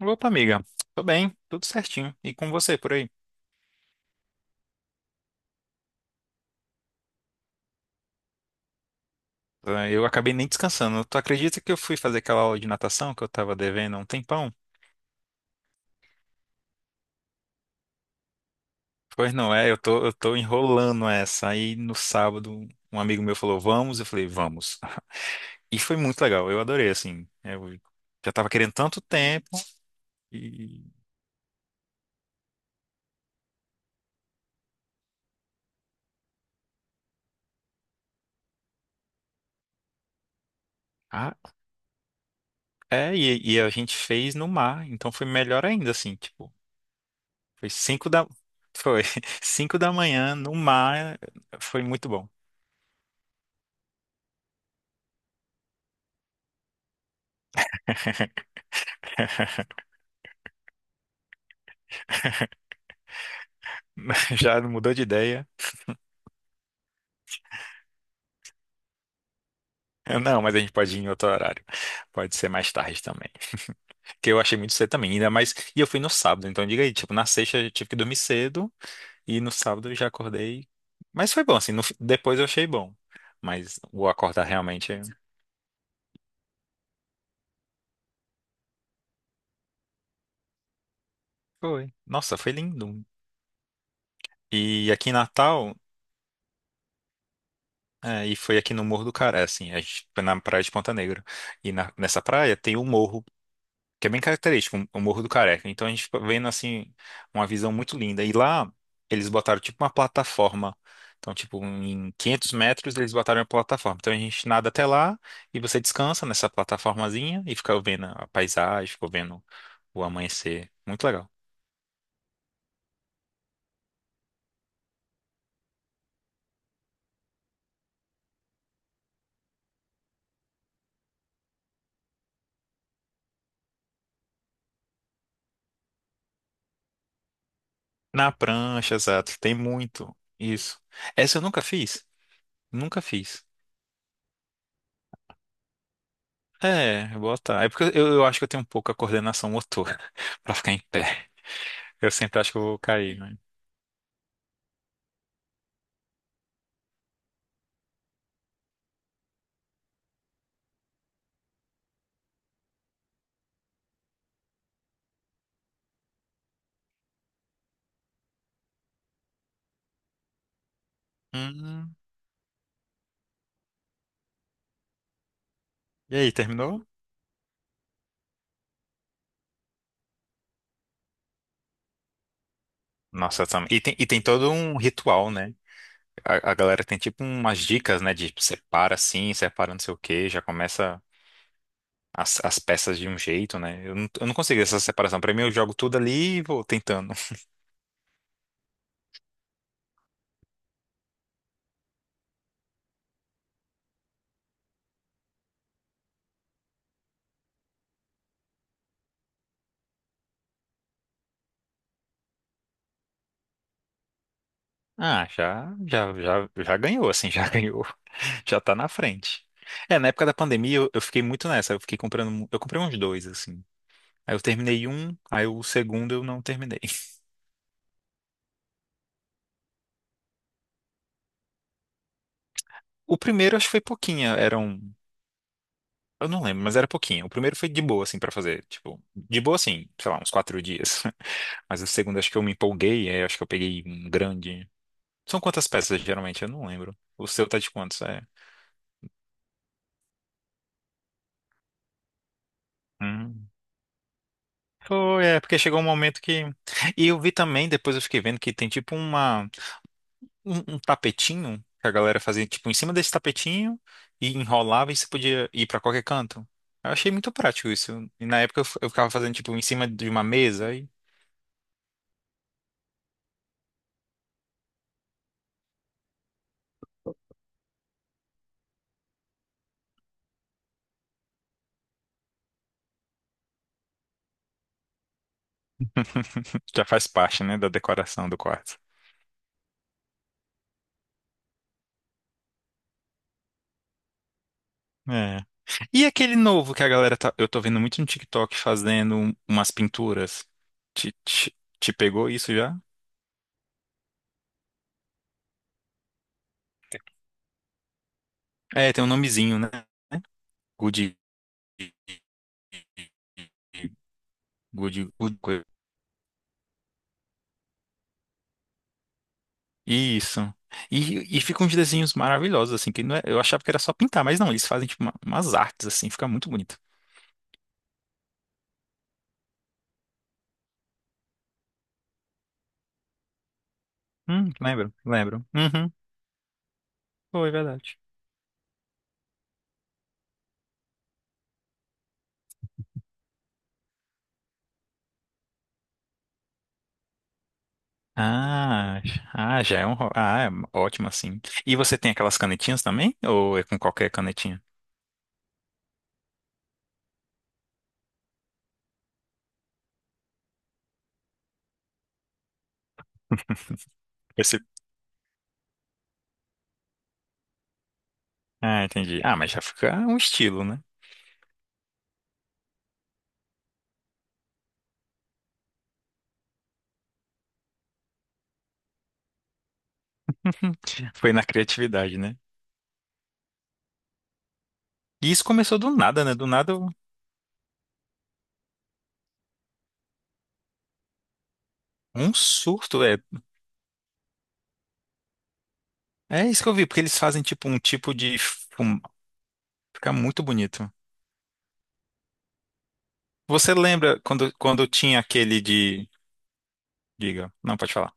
Opa, amiga. Tô bem, tudo certinho. E com você por aí? Eu acabei nem descansando. Tu acredita que eu fui fazer aquela aula de natação que eu tava devendo há um tempão? Pois não é, eu tô enrolando essa. Aí no sábado, um amigo meu falou, vamos? Eu falei, vamos. E foi muito legal, eu adorei, assim. Eu já tava querendo tanto tempo e... Ah, é, e a gente fez no mar, então foi melhor ainda, assim, tipo, foi cinco da... Foi 5 da manhã no mar, foi muito bom. Já mudou de ideia. Não, mas a gente pode ir em outro horário. Pode ser mais tarde também. Que eu achei muito cedo também, ainda mais. E eu fui no sábado, então diga aí, tipo, na sexta eu tive que dormir cedo e no sábado eu já acordei. Mas foi bom, assim, no fi- depois eu achei bom. Mas o acordar realmente. Foi. Nossa, foi lindo. E aqui em Natal, é, e foi aqui no Morro do Caré, assim, a gente foi na praia de Ponta Negra. Nessa praia tem o morro, que é bem característico, o Morro do Careca. Então a gente fica vendo assim uma visão muito linda. E lá eles botaram tipo uma plataforma. Então, tipo, em 500 metros eles botaram uma plataforma. Então a gente nada até lá e você descansa nessa plataformazinha e fica vendo a paisagem, fica vendo o amanhecer. Muito legal. Na prancha, exato, tem muito isso. Essa eu nunca fiz. Nunca fiz. É, botar. É porque eu acho que eu tenho um pouco a coordenação motora pra ficar em pé. Eu sempre acho que eu vou cair, né? Hum. E aí, terminou? E tem, e tem todo um ritual, né? A galera tem tipo umas dicas, né? De tipo, separa assim, separa não sei o quê, já começa as peças de um jeito, né? Eu não consigo essa separação. Pra mim, eu jogo tudo ali e vou tentando. Ah, já, já, já, já ganhou, assim, já ganhou. Já tá na frente. É, na época da pandemia, eu fiquei muito nessa. Eu fiquei comprando. Eu comprei uns dois, assim. Aí eu terminei um, aí o segundo eu não terminei. O primeiro, acho que foi pouquinho. Eram. Eu não lembro, mas era pouquinho. O primeiro foi de boa, assim, pra fazer. Tipo, de boa, assim, sei lá, uns 4 dias. Mas o segundo, acho que eu me empolguei, aí acho que eu peguei um grande. São quantas peças, geralmente? Eu não lembro. O seu tá de quantos? É. Hum. Foi, é, porque chegou um momento que. E eu vi também, depois eu fiquei vendo que tem tipo uma. Um tapetinho que a galera fazia, tipo, em cima desse tapetinho e enrolava e você podia ir pra qualquer canto. Eu achei muito prático isso. E na época eu ficava fazendo, tipo, em cima de uma mesa. Aí já faz parte, né, da decoração do quarto. É. E aquele novo que a galera tá, eu tô vendo muito no TikTok fazendo umas pinturas. Te pegou isso já? É, tem um nomezinho, né? Good, good, good. Coisa. Isso. E ficam uns desenhos maravilhosos, assim, que não é, eu achava que era só pintar, mas não, eles fazem tipo umas artes, assim, fica muito bonito. Lembro, lembro. Uhum, foi verdade. Ah, ah, já é um. Ro- Ah, é ótimo assim. E você tem aquelas canetinhas também? Ou é com qualquer canetinha? Esse- Ah, entendi. Ah, mas já fica um estilo, né? Foi na criatividade, né? E isso começou do nada, né? Do nada, um surto. É, é isso que eu vi, porque eles fazem Fica muito bonito. Você lembra quando tinha aquele de. Diga. Não, pode falar.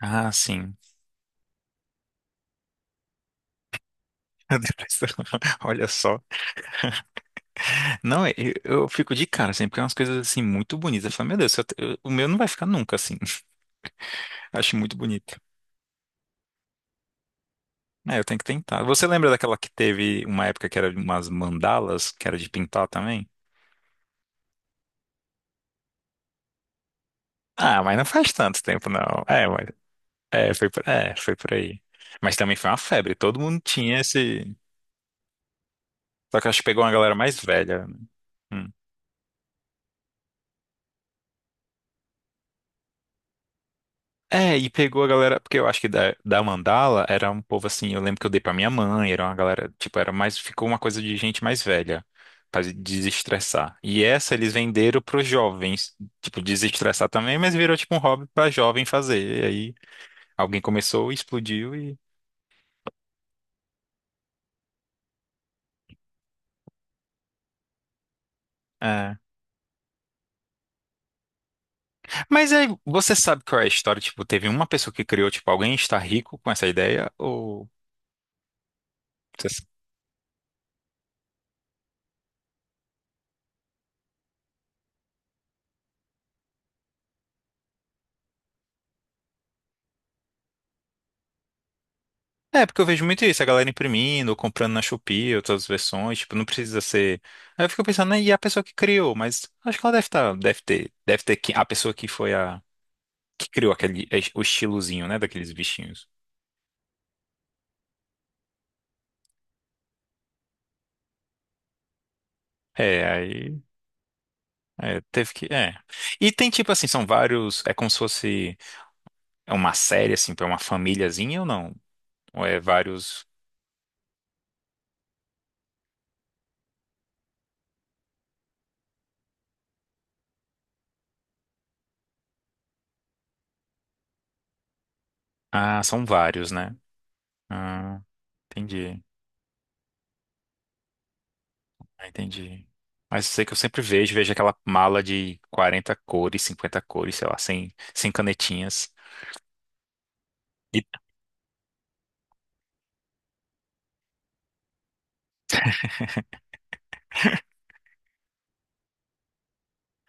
Ah, sim. A depressão. Olha só. Não, é- Eu fico de cara sempre, porque é umas coisas assim muito bonitas. Eu falo, meu Deus, se eu te- eu- o meu não vai ficar nunca assim. Acho muito bonito. É, eu tenho que tentar. Você lembra daquela que teve uma época que era de umas mandalas, que era de pintar também? Ah, mas não faz tanto tempo, não. É, mas, foi por aí. Mas também foi uma febre, todo mundo tinha esse. Só que eu acho que pegou uma galera mais velha, né? Hum. É, e pegou a galera, porque eu acho que da Mandala era um povo assim, eu lembro que eu dei pra minha mãe, era uma galera, tipo, era mais, ficou uma coisa de gente mais velha, pra desestressar. E essa eles venderam pros jovens, tipo, desestressar também, mas virou tipo um hobby pra jovem fazer. E aí alguém começou, explodiu e. É. Mas aí, você sabe qual é a história? Tipo, teve uma pessoa que criou, tipo, alguém está rico com essa ideia? Ou. É, porque eu vejo muito isso, a galera imprimindo, ou comprando na Shopee, outras versões, tipo, não precisa ser. Aí eu fico pensando, né, e a pessoa que criou, mas acho que ela deve estar, deve ter, a pessoa que foi que criou aquele, é, o estilozinho, né, daqueles bichinhos. É, aí, é, teve que, é. E tem tipo assim, são vários, é como se fosse é uma série, assim, pra uma famíliazinha ou não? Ou é vários, ah, são vários, né? Ah, entendi. Ah, entendi. Mas eu sei que eu sempre vejo, vejo aquela mala de 40 cores, 50 cores, sei lá, 100, 100 canetinhas. E,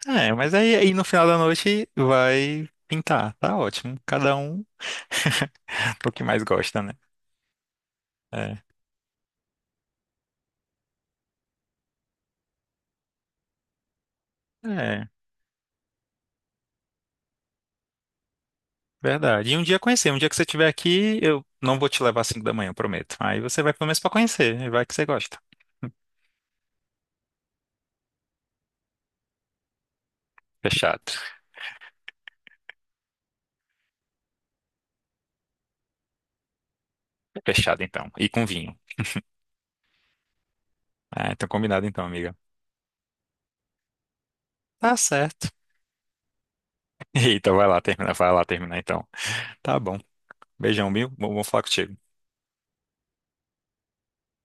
mas aí, aí no final da noite vai pintar, tá ótimo. Cada um o que mais gosta, né? É, é, verdade. E um dia conhecer, um dia que você estiver aqui, eu não vou te levar às 5 da manhã, eu prometo. Aí você vai pelo menos pra conhecer, e vai que você gosta. Fechado. Fechado então. E com vinho. Ah, então combinado então, amiga. Tá certo. Então vai lá terminar então. Tá bom. Beijão, viu? Bom, vou falar contigo.